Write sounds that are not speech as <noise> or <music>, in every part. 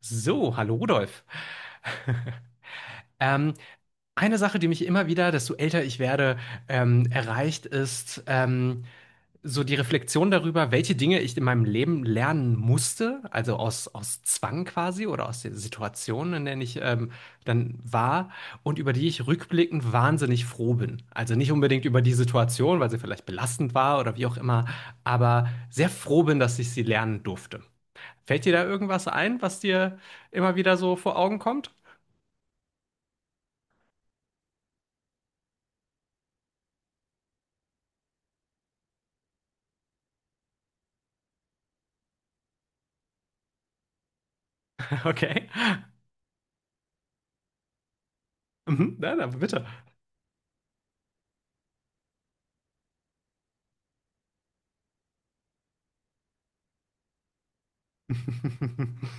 So, hallo Rudolf. <laughs> Ähm, eine Sache, die mich immer wieder, desto älter ich werde, erreicht, ist so die Reflexion darüber, welche Dinge ich in meinem Leben lernen musste, also aus Zwang quasi oder aus der Situation, in der ich dann war und über die ich rückblickend wahnsinnig froh bin. Also nicht unbedingt über die Situation, weil sie vielleicht belastend war oder wie auch immer, aber sehr froh bin, dass ich sie lernen durfte. Fällt dir da irgendwas ein, was dir immer wieder so vor Augen kommt? <laughs> Okay. Mhm. Nein, aber bitte. <laughs>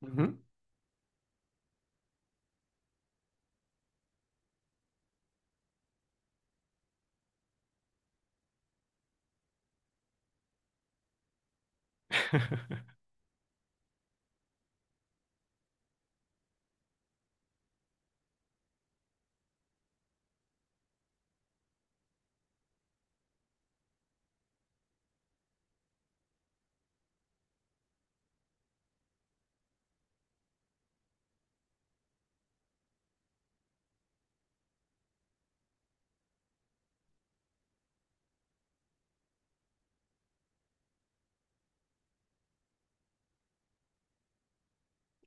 Mhm.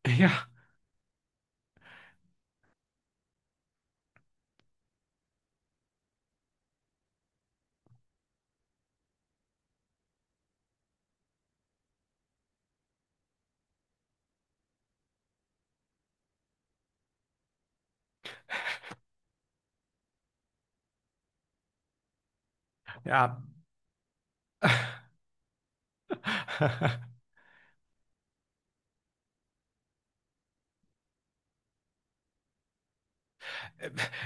Ja, ja. <laughs>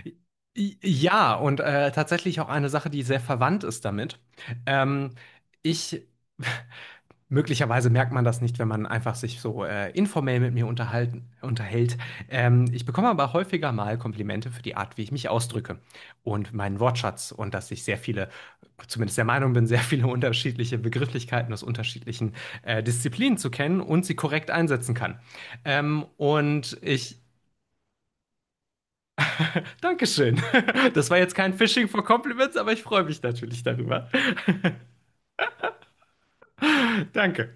I- Ja, und tatsächlich auch eine Sache, die sehr verwandt ist damit. Ähm, ich <laughs> Möglicherweise merkt man das nicht, wenn man einfach sich so, informell mit mir unterhalten unterhält. Ich bekomme aber häufiger mal Komplimente für die Art, wie ich mich ausdrücke und meinen Wortschatz und dass ich sehr viele zumindest der Meinung bin, sehr viele unterschiedliche Begrifflichkeiten aus unterschiedlichen, Disziplinen zu kennen und sie korrekt einsetzen kann. Und ich Danke schön. <laughs> Das war jetzt kein Fishing for Compliments, aber ich freue mich natürlich darüber. <laughs> Danke.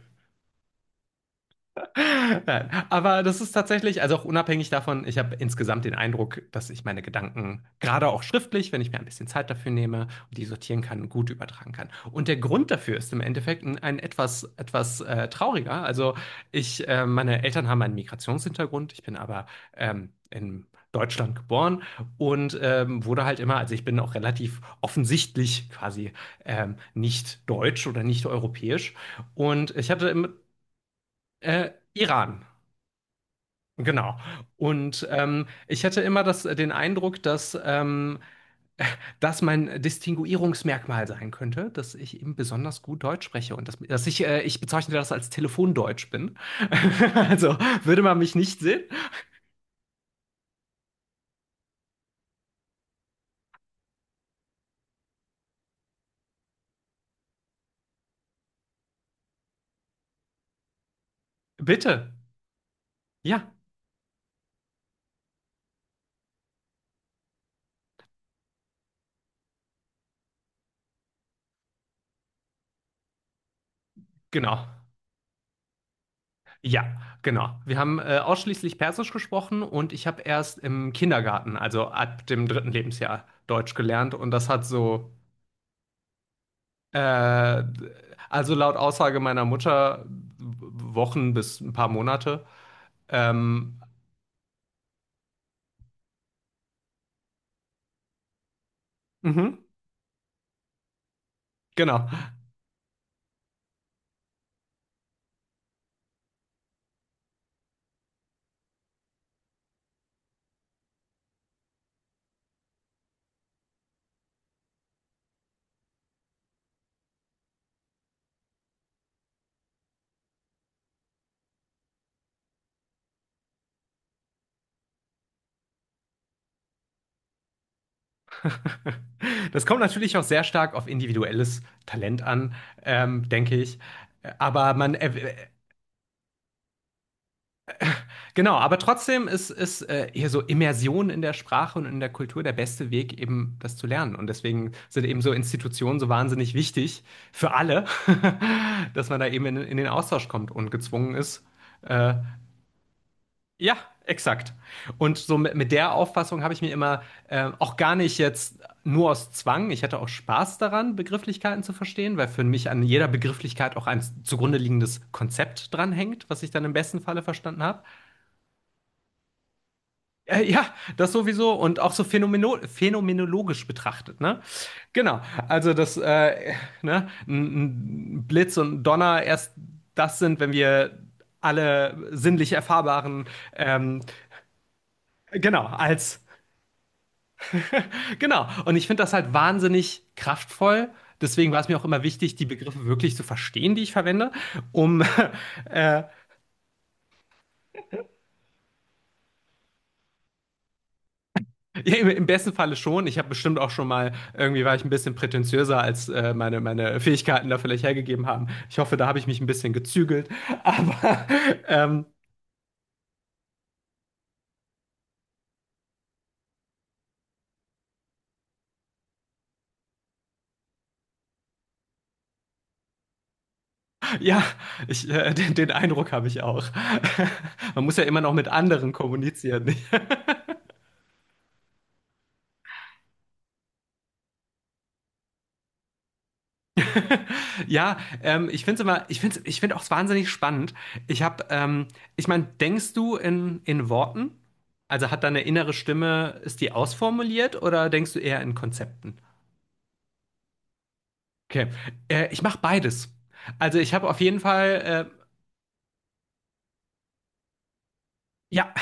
Nein, aber das ist tatsächlich, also auch unabhängig davon, ich habe insgesamt den Eindruck, dass ich meine Gedanken, gerade auch schriftlich, wenn ich mir ein bisschen Zeit dafür nehme und die sortieren kann, gut übertragen kann. Und der Grund dafür ist im Endeffekt ein etwas trauriger. Also ich, meine Eltern haben einen Migrationshintergrund, ich bin aber in Deutschland geboren und wurde halt immer, also ich bin auch relativ offensichtlich quasi nicht deutsch oder nicht europäisch. Und ich hatte im Iran. Genau. Und ich hatte immer das, den Eindruck, dass das mein Distinguierungsmerkmal sein könnte, dass ich eben besonders gut Deutsch spreche und dass ich, ich bezeichne das als Telefondeutsch bin. <laughs> Also würde man mich nicht sehen? Bitte. Ja, genau. Ja, genau. Wir haben ausschließlich Persisch gesprochen und ich habe erst im Kindergarten, also ab dem dritten Lebensjahr, Deutsch gelernt und das hat so Äh, also laut Aussage meiner Mutter Wochen bis ein paar Monate. Ähm, mhm, genau. <laughs> Das kommt natürlich auch sehr stark auf individuelles Talent an, denke ich. Aber man, genau, aber trotzdem ist hier so Immersion in der Sprache und in der Kultur der beste Weg, eben das zu lernen. Und deswegen sind eben so Institutionen so wahnsinnig wichtig für alle, <laughs> dass man da eben in den Austausch kommt und gezwungen ist, äh, ja, exakt. Und so mit der Auffassung habe ich mir immer auch gar nicht jetzt nur aus Zwang, ich hatte auch Spaß daran, Begrifflichkeiten zu verstehen, weil für mich an jeder Begrifflichkeit auch ein zugrunde liegendes Konzept dranhängt, was ich dann im besten Falle verstanden habe. Ja, das sowieso und auch so phänomenologisch betrachtet, ne? Genau. Also, das ne, ein Blitz und ein Donner erst, das sind, wenn wir alle sinnlich erfahrbaren, ähm, genau, als genau. Und ich finde das halt wahnsinnig kraftvoll. Deswegen war es mir auch immer wichtig, die Begriffe wirklich zu verstehen, die ich verwende, um <laughs> äh, ja, im besten Falle schon. Ich habe bestimmt auch schon mal, irgendwie war ich ein bisschen prätentiöser, als meine Fähigkeiten da vielleicht hergegeben haben. Ich hoffe, da habe ich mich ein bisschen gezügelt. Aber <laughs> ähm, ja, ich, den Eindruck habe ich auch. <laughs> Man muss ja immer noch mit anderen kommunizieren. <laughs> <laughs> Ja, ich finde es immer, ich find auch wahnsinnig spannend. Ich habe, ich meine, denkst du in Worten? Also hat deine innere Stimme, ist die ausformuliert oder denkst du eher in Konzepten? Okay, ich mache beides. Also ich habe auf jeden Fall, ja,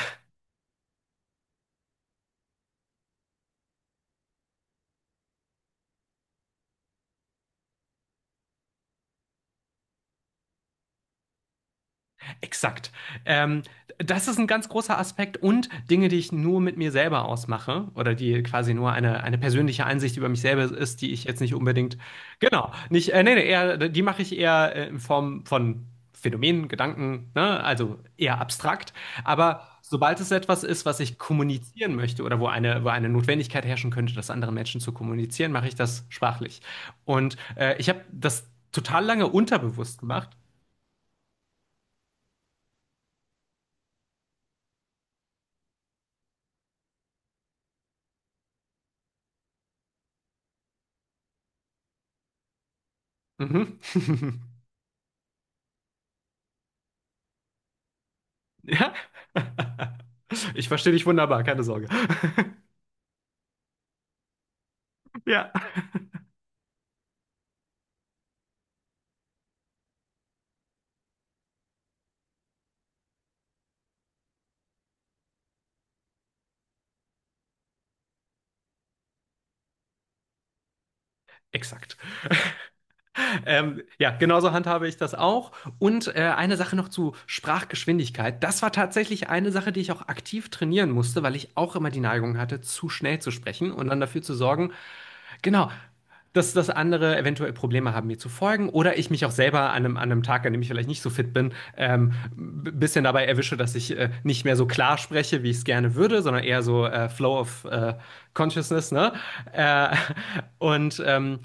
exakt. Ähm, das ist ein ganz großer Aspekt und Dinge, die ich nur mit mir selber ausmache oder die quasi nur eine persönliche Einsicht über mich selber ist, die ich jetzt nicht unbedingt, genau, nicht, nee, nee, eher, die mache ich eher in Form von Phänomenen, Gedanken, ne? Also eher abstrakt. Aber sobald es etwas ist, was ich kommunizieren möchte oder wo eine Notwendigkeit herrschen könnte, das anderen Menschen zu kommunizieren, mache ich das sprachlich. Und ich habe das total lange unterbewusst gemacht. Mhm. <laughs> Ja. <laughs> Ich verstehe dich wunderbar, keine Sorge. <laughs> Ja, exakt. <laughs> Ja, genauso handhabe ich das auch. Und eine Sache noch zu Sprachgeschwindigkeit. Das war tatsächlich eine Sache, die ich auch aktiv trainieren musste, weil ich auch immer die Neigung hatte, zu schnell zu sprechen und dann dafür zu sorgen, genau, dass andere eventuell Probleme haben, mir zu folgen oder ich mich auch selber an an einem Tag, an dem ich vielleicht nicht so fit bin, ein bisschen dabei erwische, dass ich nicht mehr so klar spreche, wie ich es gerne würde, sondern eher so Flow of Consciousness, ne? Äh, <laughs> und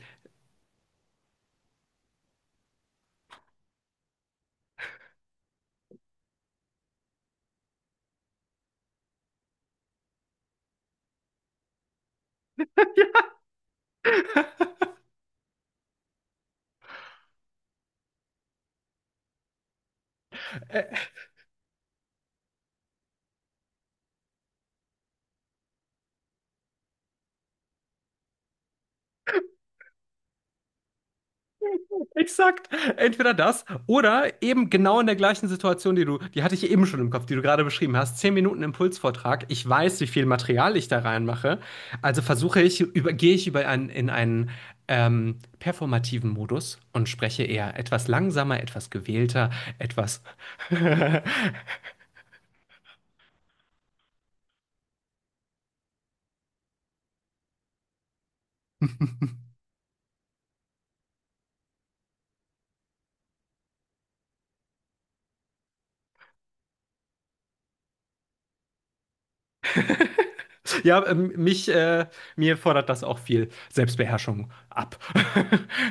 äh, exakt. Entweder das oder eben genau in der gleichen Situation, die du, die hatte ich eben schon im Kopf, die du gerade beschrieben hast. 10 Minuten Impulsvortrag. Ich weiß, wie viel Material ich da reinmache. Also versuche ich, gehe ich über einen, in einen performativen Modus und spreche eher etwas langsamer, etwas gewählter, etwas. <laughs> Ja, mir fordert das auch viel Selbstbeherrschung ab. <laughs>